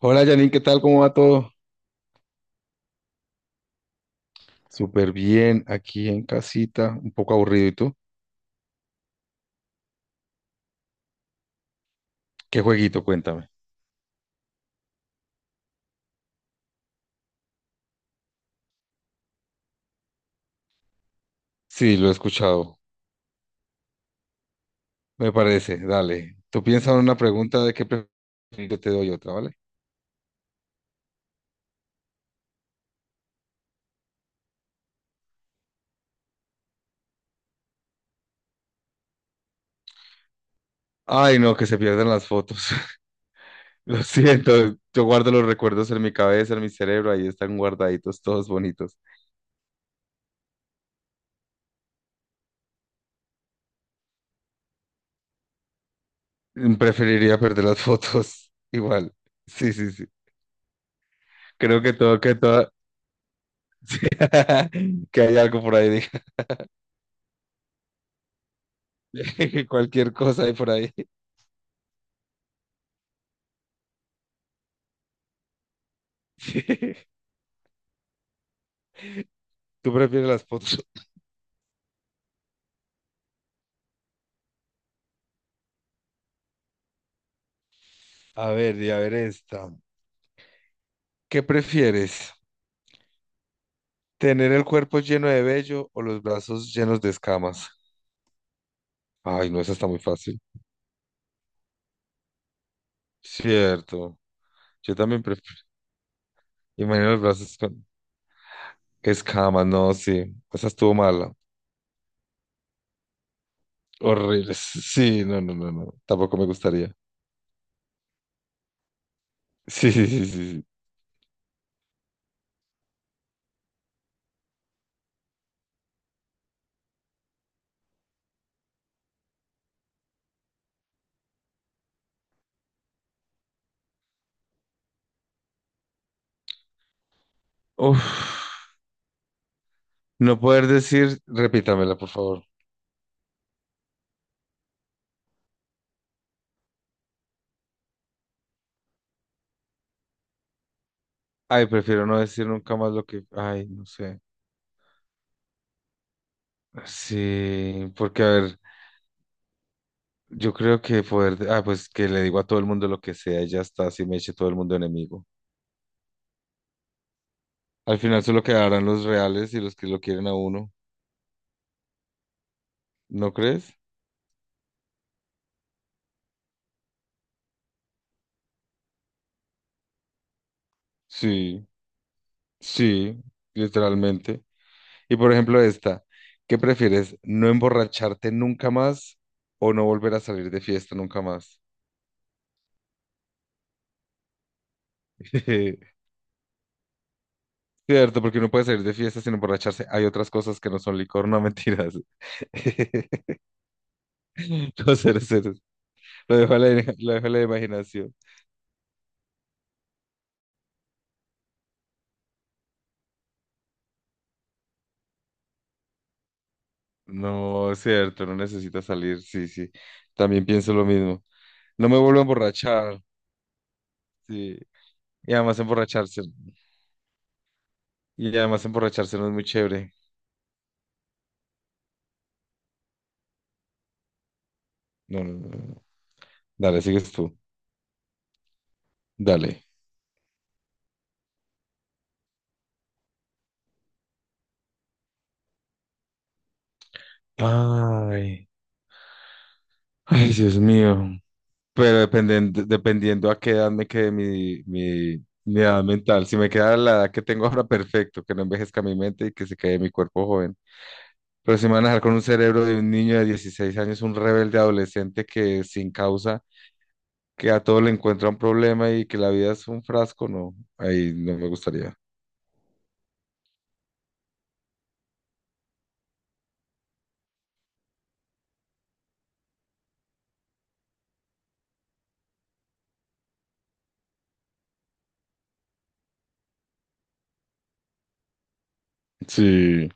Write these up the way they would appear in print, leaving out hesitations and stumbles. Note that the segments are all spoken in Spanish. Hola Janine, ¿qué tal? ¿Cómo va todo? Súper bien, aquí en casita, un poco aburrido. ¿Y tú? ¿Qué jueguito? Cuéntame. Sí, lo he escuchado, me parece. Dale. Tú piensas en una pregunta de qué prefieres, yo te doy otra, ¿vale? Ay, no, que se pierdan las fotos. Lo siento, yo guardo los recuerdos en mi cabeza, en mi cerebro, ahí están guardaditos, todos bonitos. Preferiría perder las fotos, igual. Sí, sí, sí. Creo que todo, que hay algo por ahí, dije, cualquier cosa hay por ahí. Tú prefieres las fotos. A ver, y a ver esta. ¿Qué prefieres? ¿Tener el cuerpo lleno de vello o los brazos llenos de escamas? Ay, no, esa está muy fácil. Cierto. Yo también prefiero. Imagino los brazos con escamas. No, sí. Esa estuvo mala. Horrible. Sí, no, no, no, no. Tampoco me gustaría. Sí, sí, sí, sí, sí. Uf. No poder decir, repítamela, por favor. Ay, prefiero no decir nunca más lo que. Ay, no sé. Sí, porque a ver. Yo creo que poder, ah, pues que le digo a todo el mundo lo que sea y ya está, así me eche todo el mundo enemigo. Al final solo quedarán los reales y los que lo quieren a uno, ¿no crees? Sí, sí, literalmente. Y por ejemplo esta, ¿qué prefieres? ¿No emborracharte nunca más o no volver a salir de fiesta nunca más? Cierto, porque uno puede salir de fiesta sin emborracharse. Hay otras cosas que no son licor, no mentiras. No, cero, cero. Lo dejo a la, lo dejo a la imaginación. No, es cierto, no necesita salir, sí, sí. También pienso lo mismo. No me vuelvo a emborrachar, sí. Y además emborracharse. Y además emborracharse no es muy chévere. No, no, no, no. Dale, sigues tú. Dale. Ay, ay, Dios mío. Pero dependiendo, dependiendo a qué edad me quede mi edad mental. Si me queda la edad que tengo ahora, perfecto, que no envejezca mi mente y que se quede mi cuerpo joven. Pero si me van a dejar con un cerebro de un niño de 16 años, un rebelde adolescente que sin causa que a todo le encuentra un problema y que la vida es un frasco, no, ahí no me gustaría. Sí,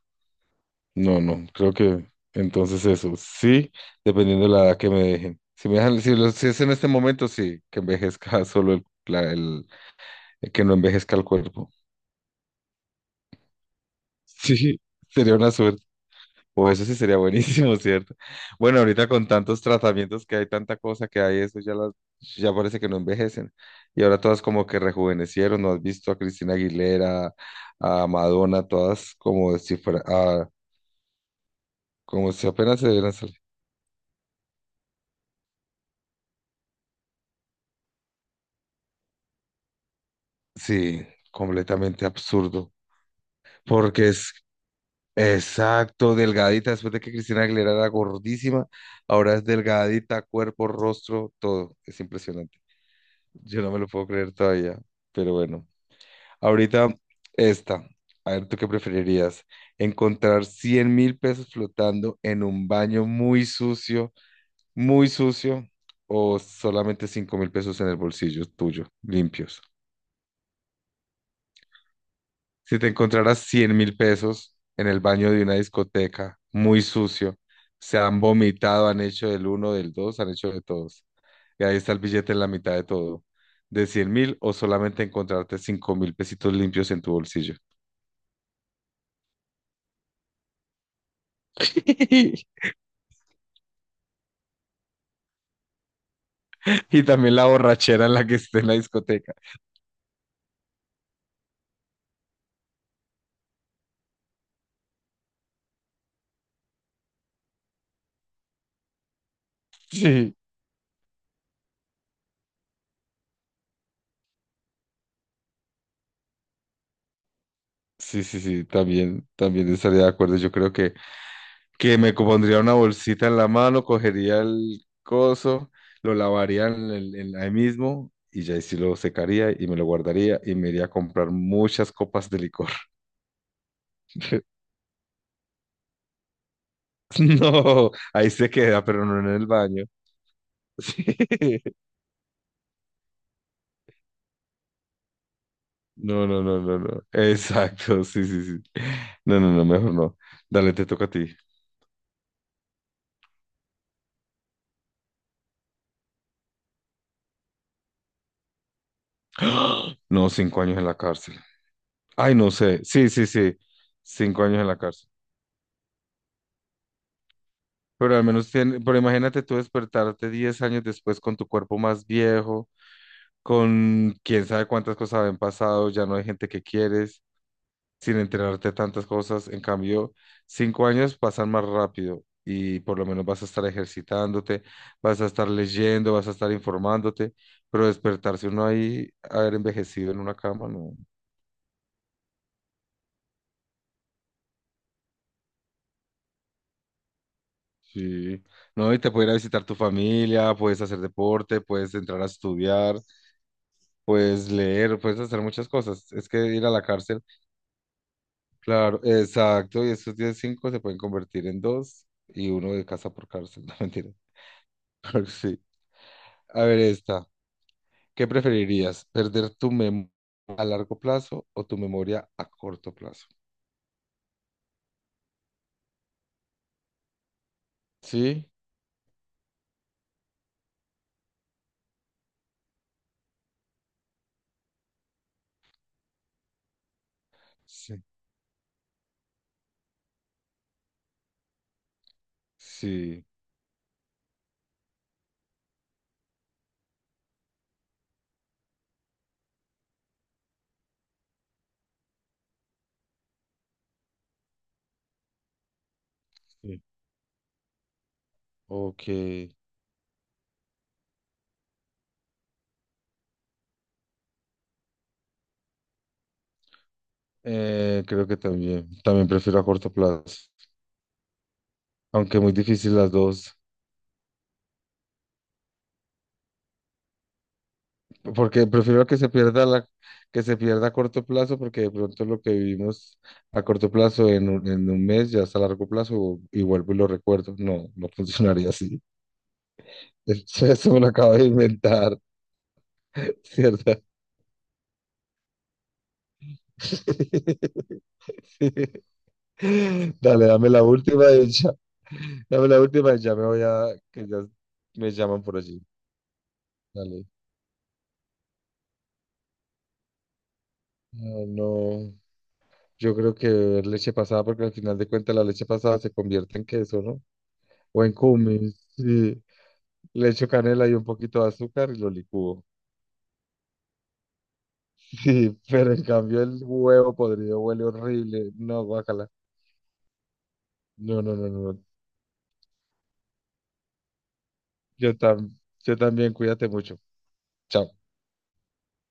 no, no, creo que entonces eso, sí, dependiendo de la edad que me dejen. Si me dejan, si es en este momento, sí, que envejezca solo el, la- el- que no envejezca el cuerpo. Sí, sería una suerte. O eso sí sería buenísimo, ¿cierto? Bueno, ahorita con tantos tratamientos que hay, tanta cosa que hay, ya parece que no envejecen. Y ahora todas como que rejuvenecieron, ¿no has visto a Cristina Aguilera, a Madonna, todas como si fuera, ah, como si apenas se hubieran salido. Sí, completamente absurdo. Porque es exacto, delgadita, después de que Cristina Aguilera era gordísima, ahora es delgadita, cuerpo, rostro, todo. Es impresionante. Yo no me lo puedo creer todavía, pero bueno. Ahorita esta. A ver, ¿tú qué preferirías? ¿Encontrar 100.000 pesos flotando en un baño muy sucio, o solamente 5.000 pesos en el bolsillo tuyo, limpios? Si te encontraras 100.000 pesos en el baño de una discoteca, muy sucio, se han vomitado, han hecho del uno, del dos, han hecho de todos. Y ahí está el billete en la mitad de todo. ¿De 100.000 o solamente encontrarte 5.000 pesitos limpios en tu bolsillo? Y también la borrachera en la que esté en la discoteca. Sí, sí, sí, sí, también, también estaría de acuerdo. Yo creo que me pondría una bolsita en la mano, cogería el coso, lo lavaría ahí mismo y ya ahí sí lo secaría y me lo guardaría y me iría a comprar muchas copas de licor. No, ahí se queda, pero no en el baño. Sí. No, no, no, no, no. Exacto, sí, sí, sí. No, no, no, mejor no. Dale, te toca a ti. No, 5 años en la cárcel. Ay, no sé. Sí, sí, sí. 5 años en la cárcel. Pero al menos tiene, pero imagínate tú despertarte 10 años después con tu cuerpo más viejo, con quién sabe cuántas cosas habían pasado, ya no hay gente que quieres, sin enterarte de tantas cosas. En cambio, 5 años pasan más rápido y por lo menos vas a estar ejercitándote, vas a estar leyendo, vas a estar informándote, pero despertarse uno ahí, haber envejecido en una cama, no. Sí, no, y te puede ir a visitar tu familia, puedes hacer deporte, puedes entrar a estudiar, puedes leer, puedes hacer muchas cosas. Es que ir a la cárcel, claro, exacto, y esos 10 cinco se pueden convertir en dos y uno de casa por cárcel, no mentira. sí. A ver, esta, ¿qué preferirías? ¿Perder tu memoria a largo plazo o tu memoria a corto plazo? Sí, sí, sí, sí. Ok. Creo que también, también prefiero a corto plazo, aunque muy difícil las dos, porque prefiero que se pierda la, que se pierda a corto plazo, porque de pronto lo que vivimos a corto plazo en un mes ya es a largo plazo y vuelvo y lo recuerdo. No, no funcionaría así. Eso me lo acabo de inventar, ¿cierto? Sí. Dale, dame la última y ya. Dame la última y ya me voy a, que ya me llaman por allí. Dale. Ah, no. Yo creo que beber leche pasada, porque al final de cuentas la leche pasada se convierte en queso, ¿no? O en cumis. Sí. Le echo canela y un poquito de azúcar y lo licúo. Sí, pero en cambio el huevo podrido huele horrible. No, guácala. No, no, no, no, no. Yo, tam yo también, cuídate mucho. Chao.